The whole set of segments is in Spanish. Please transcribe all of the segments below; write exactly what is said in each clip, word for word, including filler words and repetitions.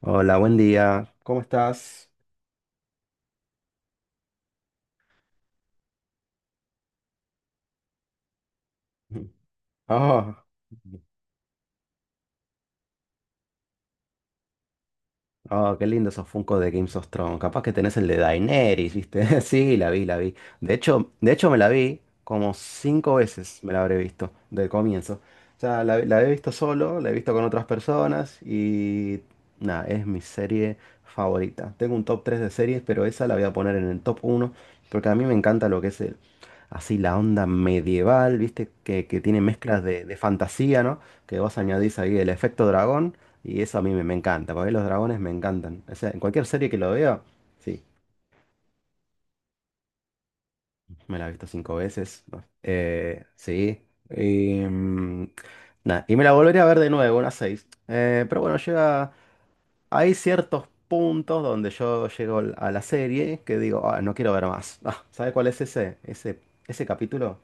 Hola, buen día. ¿Cómo estás? Oh, oh, qué lindo esos Funko de Games of Thrones. Capaz que tenés el de Daenerys, ¿viste? Sí, la vi, la vi. De hecho, de hecho me la vi como cinco veces, me la habré visto, del comienzo. O sea, la, la he visto solo, la he visto con otras personas y nada, es mi serie favorita. Tengo un top tres de series, pero esa la voy a poner en el top uno porque a mí me encanta lo que es el así la onda medieval, ¿viste? Que, que tiene mezclas de, de fantasía, ¿no? Que vos añadís ahí el efecto dragón y eso a mí me, me encanta, porque los dragones me encantan. O sea, en cualquier serie que lo veo, sí, me la he visto cinco veces, ¿no? Eh, sí. Y, mm, nada, y me la volveré a ver de nuevo, unas seis. Eh, pero bueno, llega, hay ciertos puntos donde yo llego a la serie que digo, ah, no quiero ver más. Ah, ¿sabes cuál es ese, ese, ese capítulo?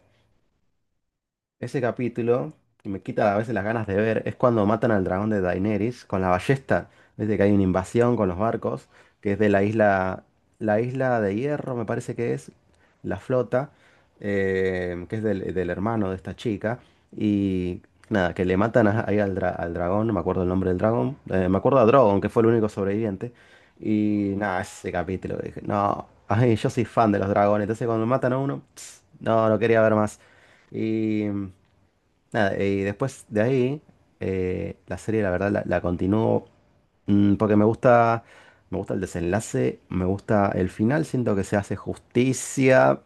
Ese capítulo que me quita a veces las ganas de ver es cuando matan al dragón de Daenerys con la ballesta. Desde que hay una invasión con los barcos, que es de la isla, la isla de Hierro, me parece que es, la flota, eh, que es del, del hermano de esta chica. Y nada, que le matan a- ahí al, dra- al dragón, no me acuerdo el nombre del dragón, eh, me acuerdo a Drogon, que fue el único sobreviviente. Y nada, ese capítulo, dije, no, ay, yo soy fan de los dragones, entonces cuando matan a uno, no, no quería ver más. Y nada, y después de ahí, eh, la serie, la verdad, la, la continúo mm, porque me gusta, me gusta el desenlace, me gusta el final, siento que se hace justicia,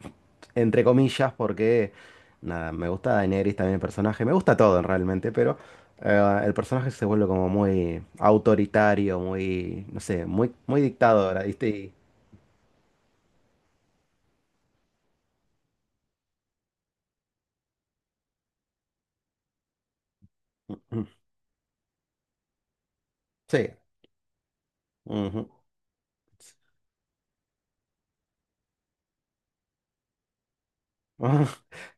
entre comillas, porque, nada, me gusta Daenerys también el personaje, me gusta todo realmente, pero eh, el personaje se vuelve como muy autoritario, muy, no sé, muy, muy dictador, ¿viste? Y- sí, ujú. Ah,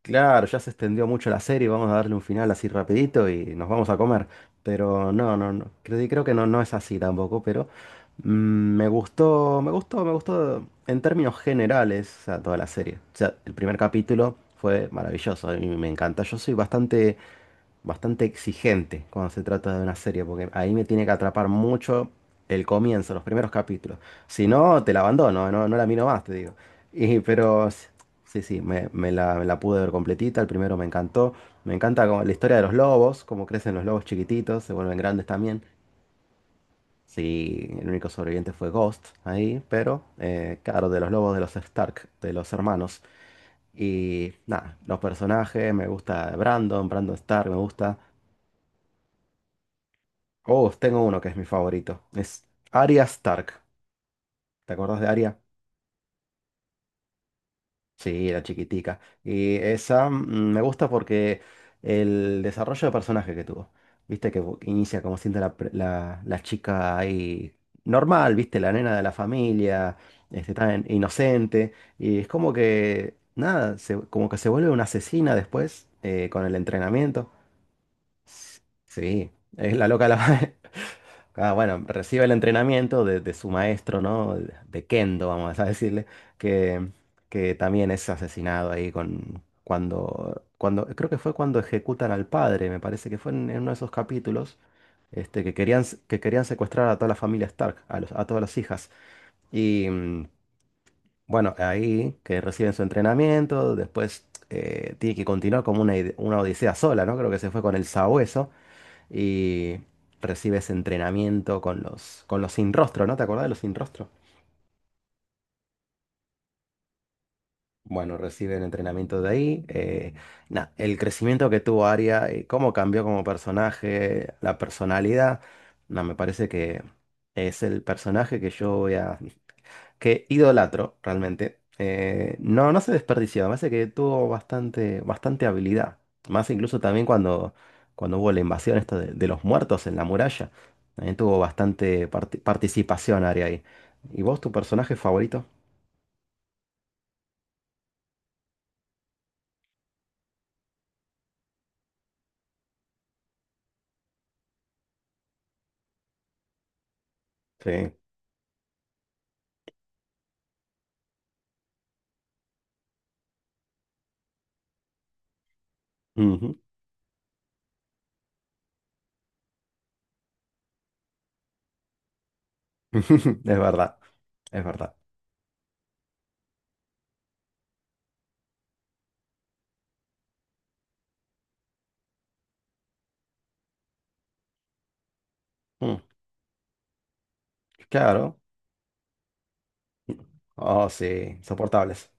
claro, ya se extendió mucho la serie, vamos a darle un final así rapidito y nos vamos a comer. Pero no, no, no, creo, creo que no, no es así tampoco, pero mm, me gustó, me gustó, me gustó en términos generales, o sea, toda la serie. O sea, el primer capítulo fue maravilloso, a mí me encanta. Yo soy bastante bastante exigente cuando se trata de una serie, porque ahí me tiene que atrapar mucho el comienzo, los primeros capítulos. Si no, te la abandono, no, no la miro más, te digo. Y, pero s- sí, sí, me, me la, me la pude ver completita, el primero me encantó. Me encanta como la historia de los lobos, cómo crecen los lobos chiquititos, se vuelven grandes también. Sí, el único sobreviviente fue Ghost ahí, pero eh, claro, de los lobos de los Stark, de los hermanos. Y nada, los personajes, me gusta Brandon, Brandon Stark, me gusta. Oh, tengo uno que es mi favorito. Es Arya Stark. ¿Te acuerdas de Arya? Sí, la chiquitica. Y esa mm, me gusta porque el desarrollo de personaje que tuvo. Viste que bu- inicia como siendo la, pre- la- la chica ahí normal, viste, la nena de la familia, este, tan inocente. Y es como que, nada, se- como que se vuelve una asesina después, eh, con el entrenamiento. S- Sí, es la loca de la... Ah, bueno, recibe el entrenamiento de, de su maestro, ¿no? De Kendo, vamos a decirle, que, que también es asesinado ahí con cuando, cuando, creo que fue cuando ejecutan al padre, me parece que fue en, en uno de esos capítulos, este, que querían, s- que querían secuestrar a toda la familia Stark, a los- a todas las hijas. Y mm, bueno, ahí que reciben su entrenamiento, después, eh, tiene que continuar como una, ide- una odisea sola, ¿no? Creo que se fue con el sabueso y recibes entrenamiento con los, con los sin rostro, ¿no? ¿Te acordás de los sin rostro? Bueno, reciben entrenamiento de ahí. Eh, nada, el crecimiento que tuvo Aria, eh, cómo cambió como personaje, la personalidad, nada me parece que es el personaje que yo voy a que idolatro realmente, eh, no, no se desperdició. Me parece que tuvo bastante, bastante habilidad. Más incluso también cuando, cuando hubo la invasión esto de, de los muertos en la muralla. También tuvo bastante parti- participación Aria ahí. ¿Y vos, tu personaje favorito? Sí. Ujú. Es verdad. Es verdad. Mm, claro. Oh, sí. Soportables.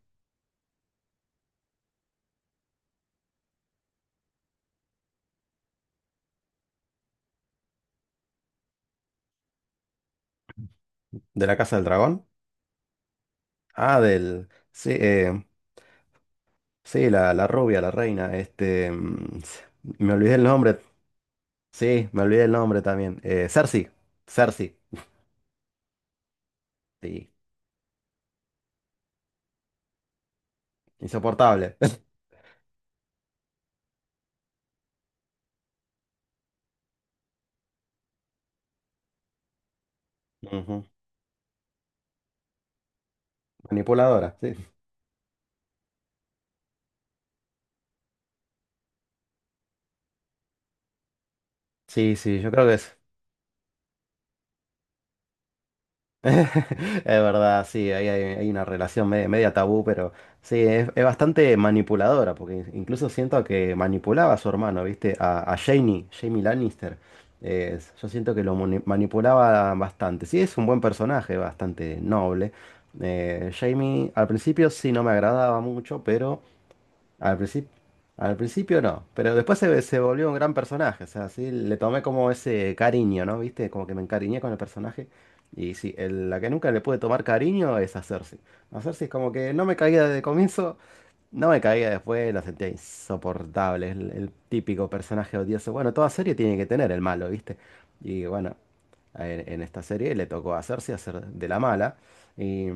¿De la Casa del Dragón? Ah, del. Sí, eh, sí, la, la rubia, la reina. Este. mm, Me olvidé el nombre. Sí, me olvidé el nombre también. Eh, Cersei. Cersei. Sí. Insoportable. Ujú. Manipuladora, sí. Sí, sí, yo creo que es. Es verdad, sí, ahí hay, hay una relación media, media tabú, pero sí, es, es bastante manipuladora, porque incluso siento que manipulaba a su hermano, ¿viste? A, a Jaime, Jaime Lannister. Eh, yo siento que lo mani- manipulaba bastante. Sí, es un buen personaje, bastante noble. Eh, Jaime al principio sí no me agradaba mucho, pero... Al principio, al principio no, pero después se, se volvió un gran personaje, o sea, sí, le tomé como ese cariño, ¿no? ¿Viste? Como que me encariñé con el personaje. Y sí, el- la que nunca le pude tomar cariño es a Cersei. A Cersei es como que no me caía desde el comienzo, no me caía después, la sentía insoportable, el, el típico personaje odioso. Bueno, toda serie tiene que tener el malo, ¿viste? Y bueno, en, en esta serie le tocó a Cersei hacer de la mala. Y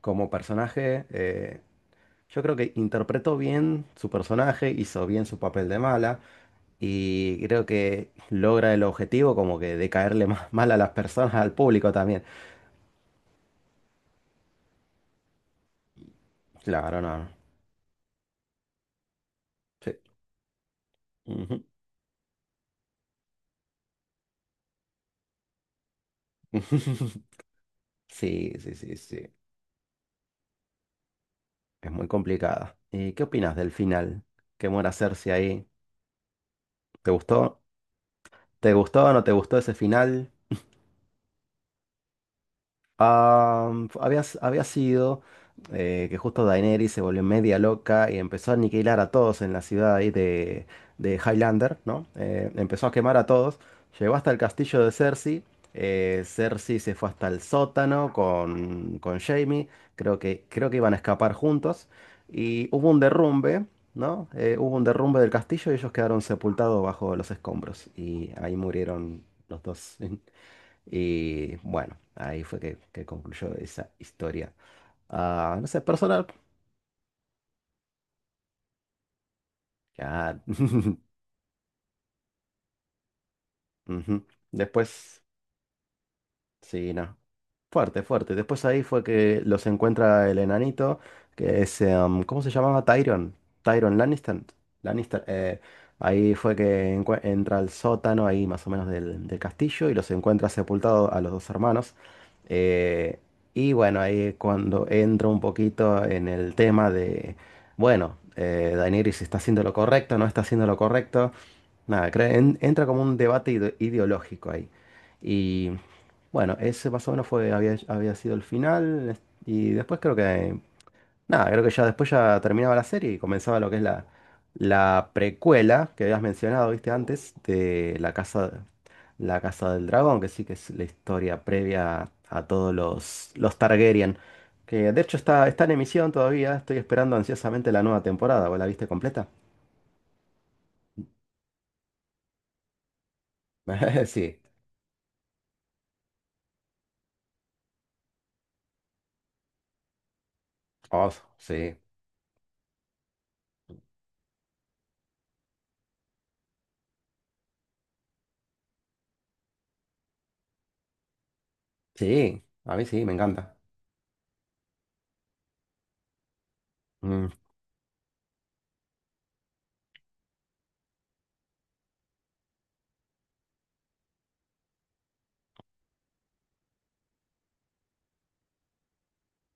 como personaje... eh, yo creo que interpretó bien su personaje, hizo bien su papel de mala y creo que logra el objetivo como que de caerle más mal a las personas, al público también. Claro, no, no. Sí. Ujú. Sí, sí, sí, sí. Es muy complicada. ¿Y qué opinas del final? ¿Qué muera Cersei ahí? ¿Te gustó? ¿Te gustó o no te gustó ese final? Am, fu- había, s- había sido, eh, que justo Daenerys se volvió media loca y empezó a aniquilar a todos en la ciudad ahí de, de Highlander, ¿no? Eh, empezó a quemar a todos, llegó hasta el castillo de Cersei, eh, Cersei se fue hasta el sótano con, con Jaime, creo que, creo que iban a escapar juntos y hubo un derrumbe, ¿no? Eh, hubo un derrumbe del castillo y ellos quedaron sepultados bajo los escombros y ahí murieron los dos. Y bueno, ahí fue que, que concluyó esa historia. Ah, no sé, personal. Ya. Ujú. Después, sí, no. Fuerte, fuerte. Después ahí fue que los encuentra el enanito, que es, em, ¿cómo se llamaba? Tyrion. Tyrion Lannister. Lannister, eh, ahí fue que encue- entra al sótano, ahí más o menos del, del castillo, y los encuentra sepultados a los dos hermanos. Eh, y bueno, ahí cuando entro un poquito en el tema de, bueno, eh, Daenerys está haciendo lo correcto, no está haciendo lo correcto. Nada, cre- en- entra como un debate ide- ideológico ahí. Y bueno, ese más o menos fue, había, había sido el final. es- Y después creo que, nada, creo que ya después ya terminaba la serie y comenzaba lo que es la, la precuela que habías mencionado, viste, antes, de La Casa, La Casa del Dragón, que sí que es la historia previa a todos los, los Targaryen. Que de hecho está, está en emisión todavía, estoy esperando ansiosamente la nueva temporada. ¿Vos la viste completa? Sí. Oh, sí. Sí, a mí sí, me encanta. Mm.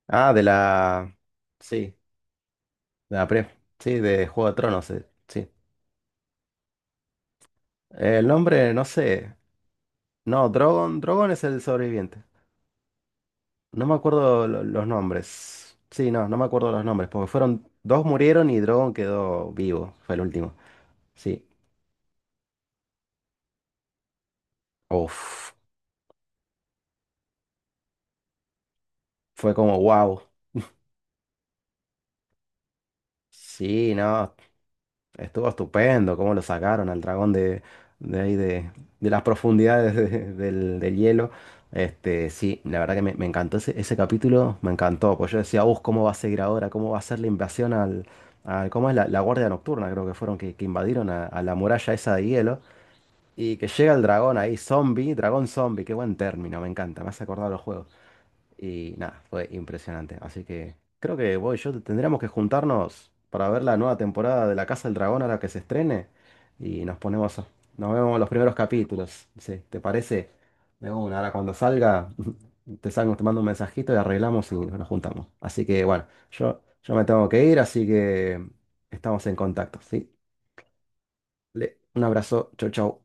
Ah, de la... Sí, de la pre... Sí, de Juego de Tronos, eh, sí. El nombre, no sé. No, Drogon, Drogon es el sobreviviente. No me acuerdo lo- los nombres. Sí, no, no me acuerdo los nombres, porque fueron... Dos murieron y Drogon quedó vivo, fue el último. Sí. Uf, fue como wow. Sí, no, estuvo estupendo cómo lo sacaron al dragón de, de ahí de, de las profundidades de- del, del hielo. Este, sí, la verdad que me, me encantó ese, ese capítulo, me encantó. Pues yo decía, uff, ¿cómo va a seguir ahora? ¿Cómo va a ser la invasión al, al- ¿cómo es la, la Guardia Nocturna? Creo que fueron que, que invadieron a, a la muralla esa de hielo. Y que llega el dragón ahí, zombie, dragón zombie, qué buen término, me encanta, me hace acordar a los juegos. Y nada, fue impresionante. Así que creo que vos y yo tendríamos que juntarnos para ver la nueva temporada de La Casa del Dragón ahora que se estrene. Y nos ponemos, a- nos vemos los primeros capítulos. Sí, ¿te parece? De una, ahora cuando salga, te salgo, te mando un mensajito y arreglamos y nos juntamos. Así que bueno, yo, yo me tengo que ir, así que estamos en contacto, ¿sí? Le- Un abrazo, chau, chau.